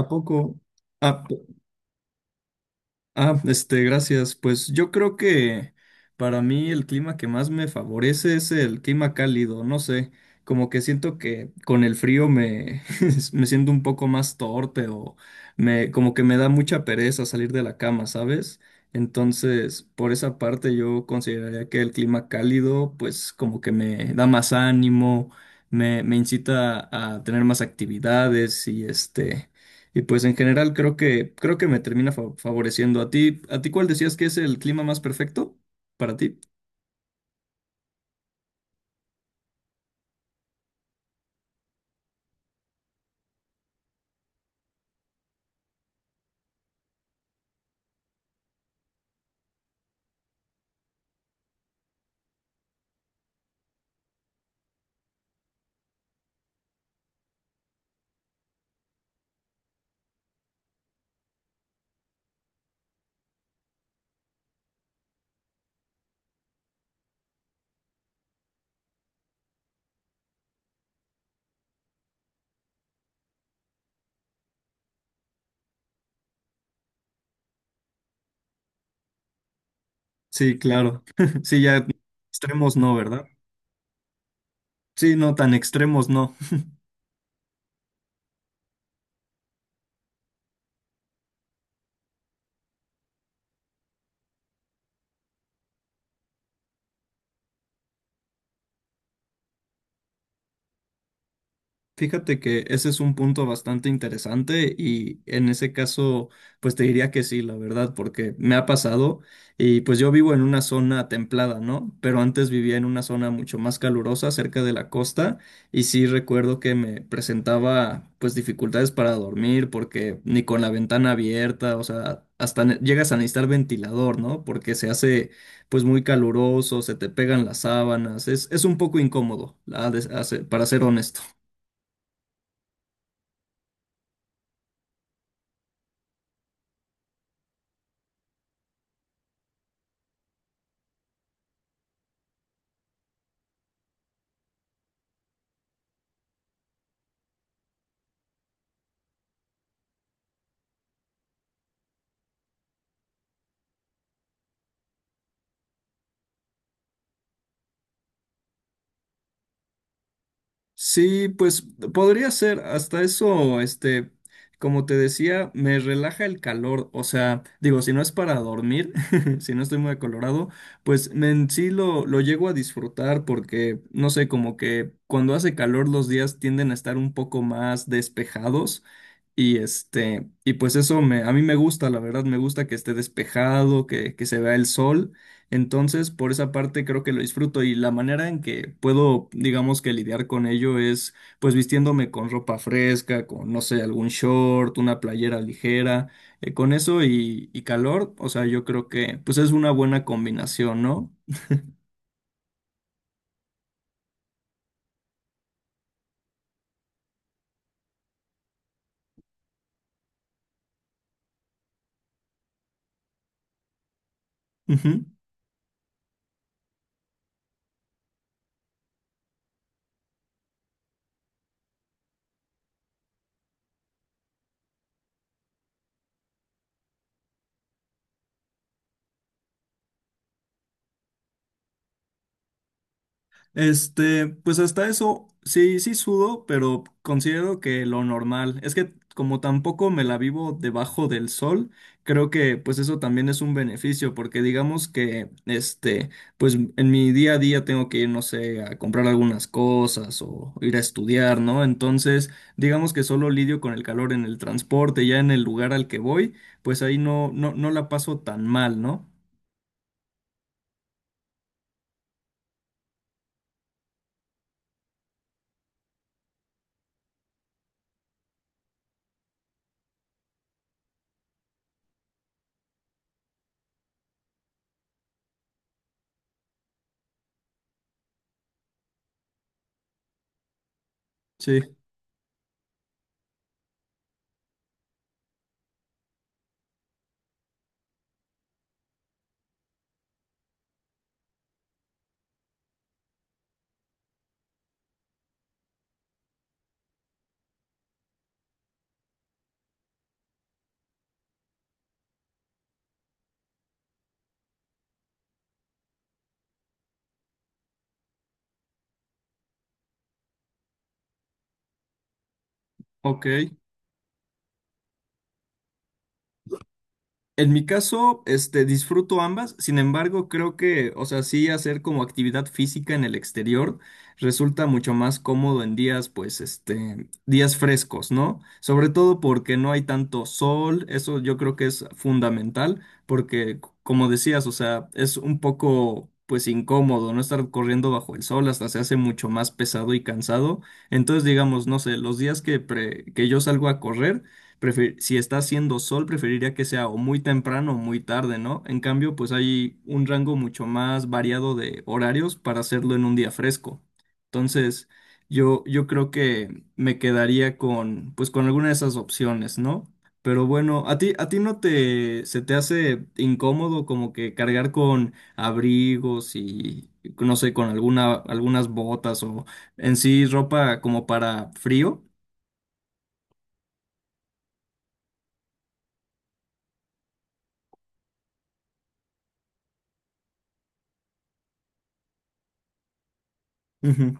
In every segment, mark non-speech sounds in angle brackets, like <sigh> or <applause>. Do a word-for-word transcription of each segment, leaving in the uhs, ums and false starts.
¿A poco? Ah, p- ah, este, gracias. Pues yo creo que para mí el clima que más me favorece es el clima cálido. No sé, como que siento que con el frío me, <laughs> me siento un poco más torpe o me, como que me da mucha pereza salir de la cama, ¿sabes? Entonces, por esa parte yo consideraría que el clima cálido, pues como que me da más ánimo, me, me incita a tener más actividades y este y pues en general creo que creo que me termina fa- favoreciendo a ti. ¿A ti cuál decías que es el clima más perfecto para ti? Sí, claro. <laughs> Sí, ya extremos no, ¿verdad? Sí, no, tan extremos no. Fíjate que ese es un punto bastante interesante y en ese caso, pues te diría que sí, la verdad, porque me ha pasado y pues yo vivo en una zona templada, ¿no? Pero antes vivía en una zona mucho más calurosa cerca de la costa y sí recuerdo que me presentaba pues dificultades para dormir porque ni con la ventana abierta, o sea, hasta ne- llegas a necesitar ventilador, ¿no? Porque se hace pues muy caluroso, se te pegan las sábanas, es, es un poco incómodo, la de- a ser- para ser honesto. Sí, pues podría ser, hasta eso, este, como te decía, me relaja el calor, o sea, digo, si no es para dormir, <laughs> si no estoy muy acolorado, pues me- en sí lo, lo llego a disfrutar porque, no sé, como que cuando hace calor los días tienden a estar un poco más despejados y este, y pues eso me, a mí me gusta, la verdad, me gusta que esté despejado, que, que se vea el sol. Entonces, por esa parte creo que lo disfruto y la manera en que puedo, digamos que lidiar con ello es pues vistiéndome con ropa fresca, con, no sé, algún short, una playera ligera, eh, con eso y, y calor, o sea, yo creo que pues es una buena combinación, ¿no? Ujú. Este, pues hasta eso, sí, sí sudo, pero considero que lo normal. Es que como tampoco me la vivo debajo del sol, creo que pues eso también es un beneficio, porque digamos que, este, pues en mi día a día tengo que ir, no sé, a comprar algunas cosas o ir a estudiar, ¿no? Entonces, digamos que solo lidio con el calor en el transporte, ya en el lugar al que voy, pues ahí no, no, no la paso tan mal, ¿no? Sí, ok. En mi caso, este, disfruto ambas, sin embargo, creo que, o sea, sí hacer como actividad física en el exterior resulta mucho más cómodo en días, pues, este, días frescos, ¿no? Sobre todo porque no hay tanto sol, eso yo creo que es fundamental, porque, c- como decías, o sea, es un poco, pues, incómodo, ¿no? Estar corriendo bajo el sol hasta se hace mucho más pesado y cansado. Entonces, digamos, no sé, los días que, pre- que yo salgo a correr, prefe- si está haciendo sol, preferiría que sea o muy temprano o muy tarde, ¿no? En cambio, pues hay un rango mucho más variado de horarios para hacerlo en un día fresco. Entonces, yo, yo creo que me quedaría con, pues, con alguna de esas opciones, ¿no? Pero bueno, ¿a ti, a ti no te, se te hace incómodo como que cargar con abrigos y, no sé, con alguna, algunas botas o en sí ropa como para frío? Ujú.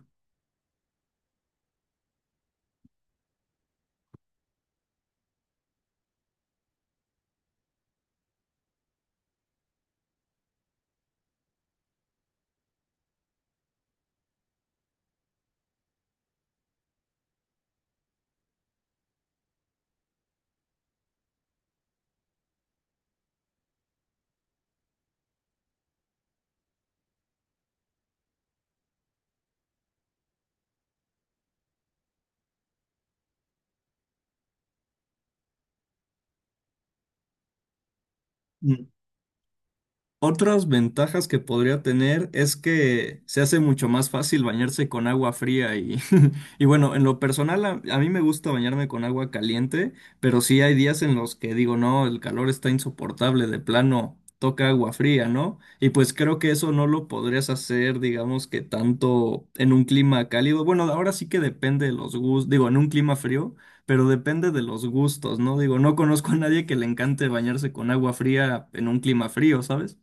Otras ventajas que podría tener es que se hace mucho más fácil bañarse con agua fría y, <laughs> y bueno, en lo personal a, a mí me gusta bañarme con agua caliente, pero sí hay días en los que digo, no, el calor está insoportable, de plano toca agua fría, ¿no? Y pues creo que eso no lo podrías hacer, digamos que tanto en un clima cálido. Bueno, ahora sí que depende de los gustos, digo, en un clima frío, pero depende de los gustos, ¿no? Digo, no conozco a nadie que le encante bañarse con agua fría en un clima frío, ¿sabes?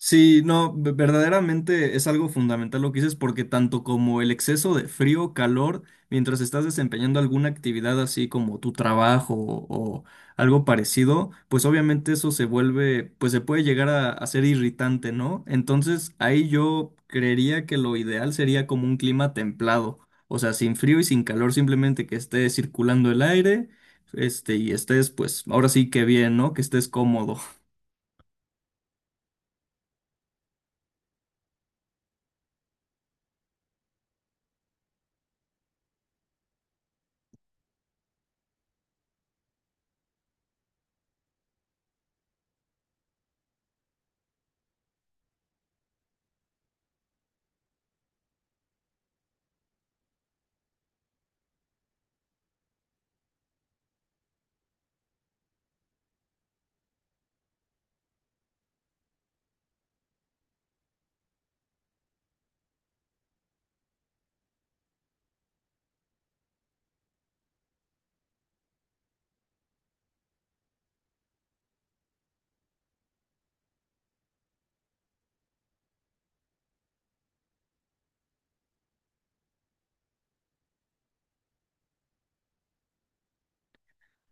Sí, no, ve- verdaderamente es algo fundamental lo que dices porque tanto como el exceso de frío, calor, mientras estás desempeñando alguna actividad así como tu trabajo o, o algo parecido, pues obviamente eso se vuelve, pues se puede llegar a, a ser irritante, ¿no? Entonces ahí yo creería que lo ideal sería como un clima templado, o sea, sin frío y sin calor, simplemente que esté circulando el aire, este, y estés, pues ahora sí que bien, ¿no? Que estés cómodo.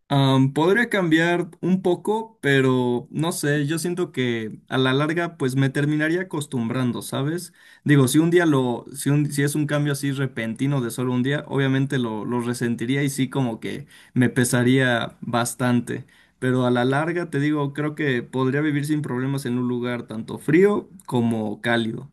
Am, podría cambiar un poco, pero no sé, yo siento que a la larga pues me terminaría acostumbrando, ¿sabes? Digo, si un día lo, si un- si es un cambio así repentino de solo un día, obviamente lo, lo resentiría y sí como que me pesaría bastante, pero a la larga te digo, creo que podría vivir sin problemas en un lugar tanto frío como cálido.